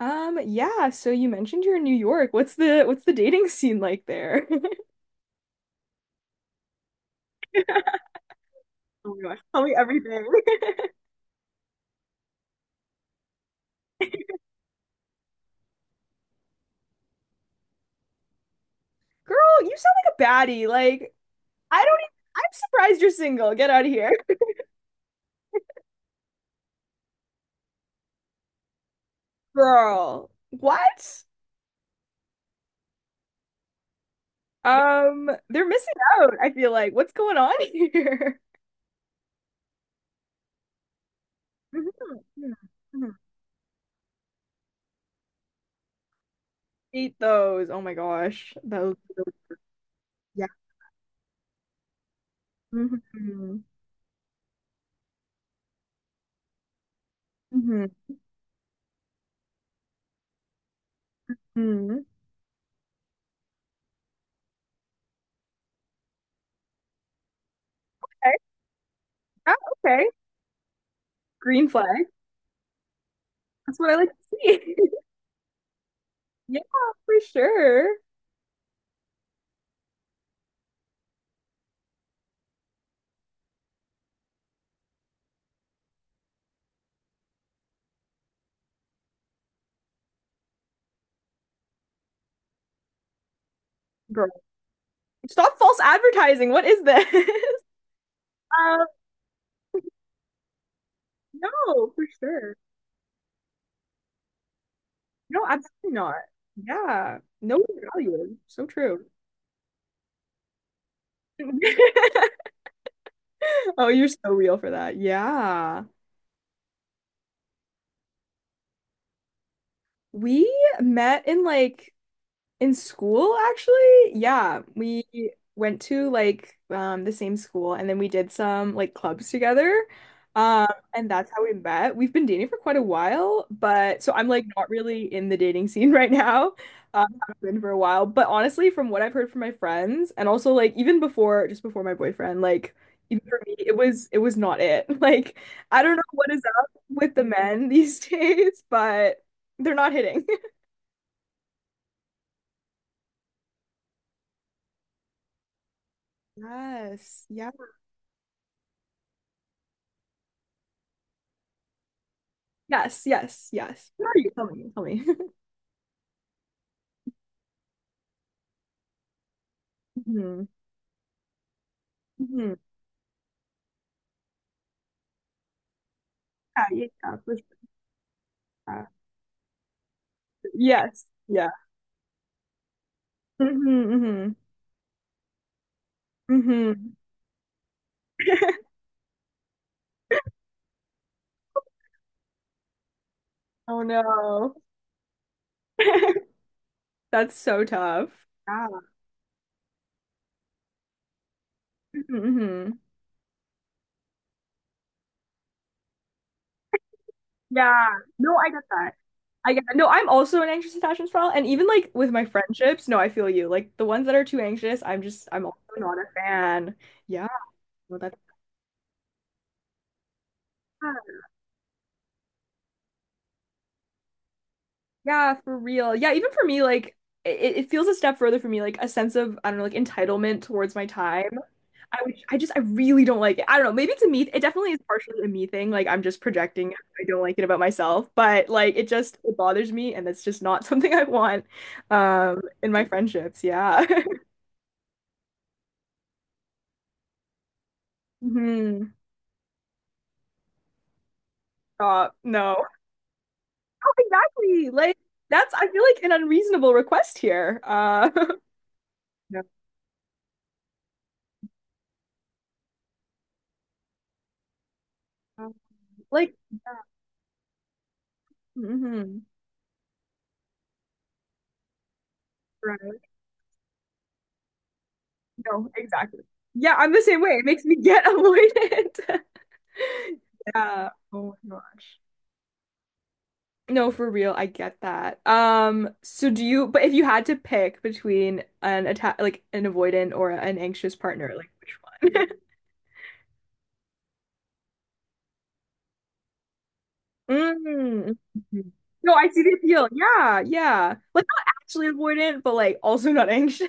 Yeah, so you mentioned you're in New York. What's the dating scene like there? Oh my gosh, tell me everything. Girl, you sound like a baddie. Like, I don't even, I'm surprised you're single. Get out of here. Girl, what? They're missing out, I feel like. What's going on here? Mhm, mhm, mhm. Hate those. Oh my gosh. Those- yeah. hmm hmm Okay. Yeah, okay. Green flag. That's what I like to see. Yeah, for sure. Girl, stop false advertising. What is this? Um, no, for sure. No, absolutely not. Yeah, no value. So true. Oh, you're so real for that. Yeah. We met in like In school, actually, yeah, we went to like the same school, and then we did some like clubs together, um, and that's how we met. We've been dating for quite a while, but so I'm like not really in the dating scene right now. I've been for a while, but honestly, from what I've heard from my friends, and also like even before, just before my boyfriend, like even for me, it was not it. Like I don't know what is up with the men these days, but they're not hitting. Yes. Yeah. Yes, yes, yes. Where are you Tell me, tell me. hmm hmm Yeah, yeah, yeah, for sure. Yeah. Yes, yeah. hmm hmm hmm Oh no. That's so tough. Yeah. hmm Yeah. No, I get that. I get that. No, I'm also an anxious attachment style. And even like with my friendships, no, I feel you. Like the ones that are too anxious, I'm also not a fan. Yeah. Well, that's Yeah, for real. Yeah, even for me, like it feels a step further for me, like a sense of, I don't know, like entitlement towards my time. I really don't like it. I don't know. Maybe it's a me. It definitely is partially a me thing. Like I'm just projecting. I don't like it about myself, but like it bothers me, and that's just not something I want, in my friendships. Yeah. hmm Stop. No. Oh, exactly. Like that's, I feel like an unreasonable request here. No. like, hmm No, exactly. Yeah, I'm the same way. It makes me get avoidant. Yeah. Oh my gosh. No, for real, I get that. But if you had to pick between an attack, like an avoidant or an anxious partner, like which one? Mm. Mhm. No, I see the appeal. Yeah, yeah. Like not actually avoidant, but like also not anxious.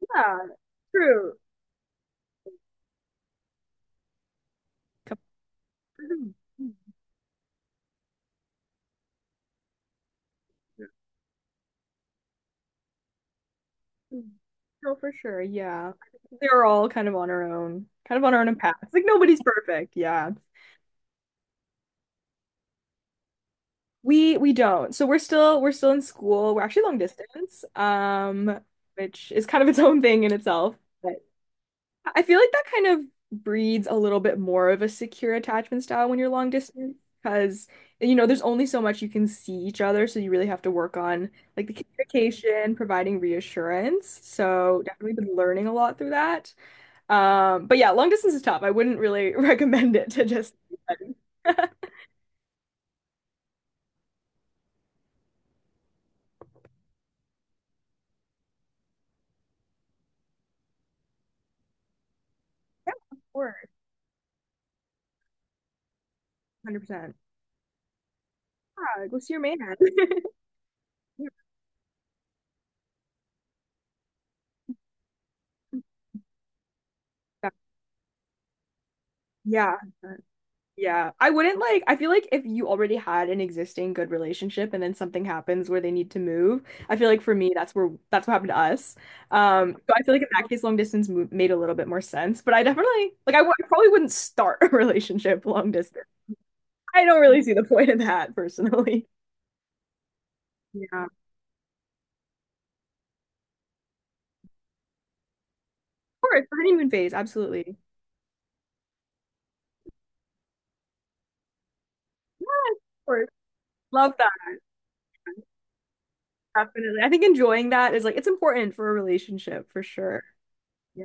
Yeah, true. Come- Mm. No, for sure. Yeah. They're all kind of on our own, kind of on our own paths. Like nobody's perfect. Yeah. We don't. So we're still in school. We're actually long distance, which is kind of its own thing in itself. But I feel like that kind of breeds a little bit more of a secure attachment style when you're long distance because you know there's only so much you can see each other, so you really have to work on like the communication, providing reassurance. So definitely been learning a lot through that. But yeah, long distance is tough. I wouldn't really recommend it to just anybody. Yeah, of course, 100%. Yeah, go see your man. Yeah. Yeah. Yeah. I wouldn't like, I feel like if you already had an existing good relationship and then something happens where they need to move, I feel like for me, that's what happened to us. So I feel like in that case, long distance mo made a little bit more sense, but I definitely like, I probably wouldn't start a relationship long distance. I don't really see the point of that personally. Yeah. course, the honeymoon phase, absolutely. Of course. Love that. Definitely. I think enjoying that is like it's important for a relationship for sure. Yeah.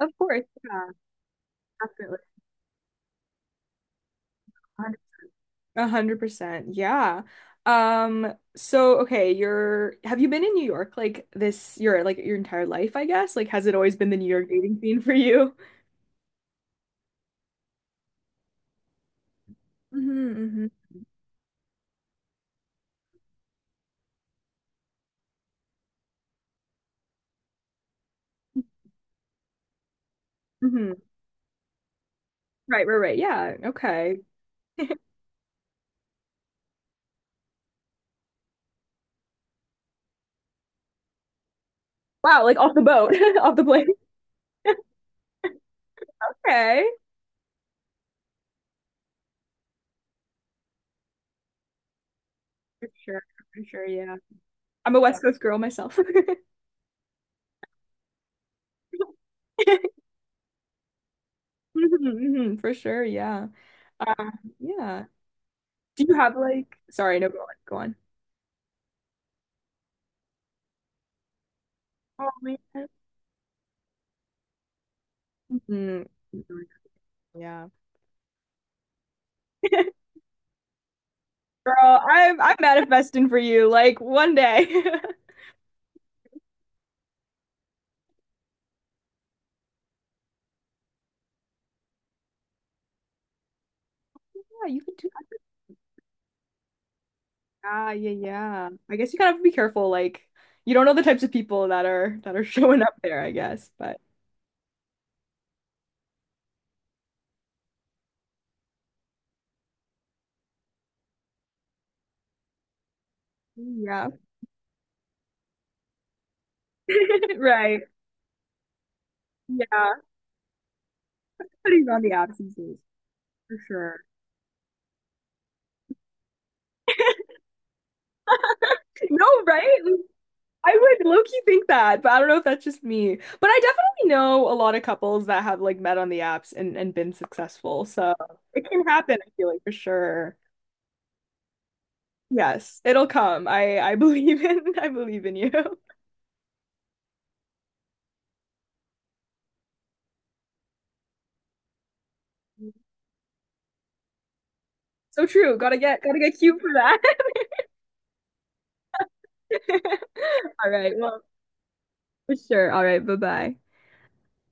Of course. Yeah, definitely. 100%. A hundred percent. Yeah. So okay, you're have you been in New York like this your like your entire life, I guess? Like has it always been the New York dating scene for you? Mm-hmm, hmm Mm-hmm. Right, right, right. Yeah. Okay. Wow, like off the boat, off the plane. Okay. For sure, for sure, yeah. I'm a West Coast girl myself. hmm for sure, yeah. Uh, yeah. Do you have like, sorry, no, go on, go on. Oh man. Mhm. Yeah. Girl, I'm manifesting for you, like one day. Yeah, you can do that. Ah, yeah, yeah. I guess you kind of have to be careful, like you don't know the types of people that are showing up there, I guess. But yeah. Right. Yeah. Putting on the absences for sure. No, right? I would low-key think that, but I don't know if that's just me. But I definitely know a lot of couples that have like met on the apps and been successful. So it can happen, I feel like for sure. Yes, it'll come. I believe in I believe in you. So true. Gotta get cute for that. All right. Well, for sure. All right. Bye-bye.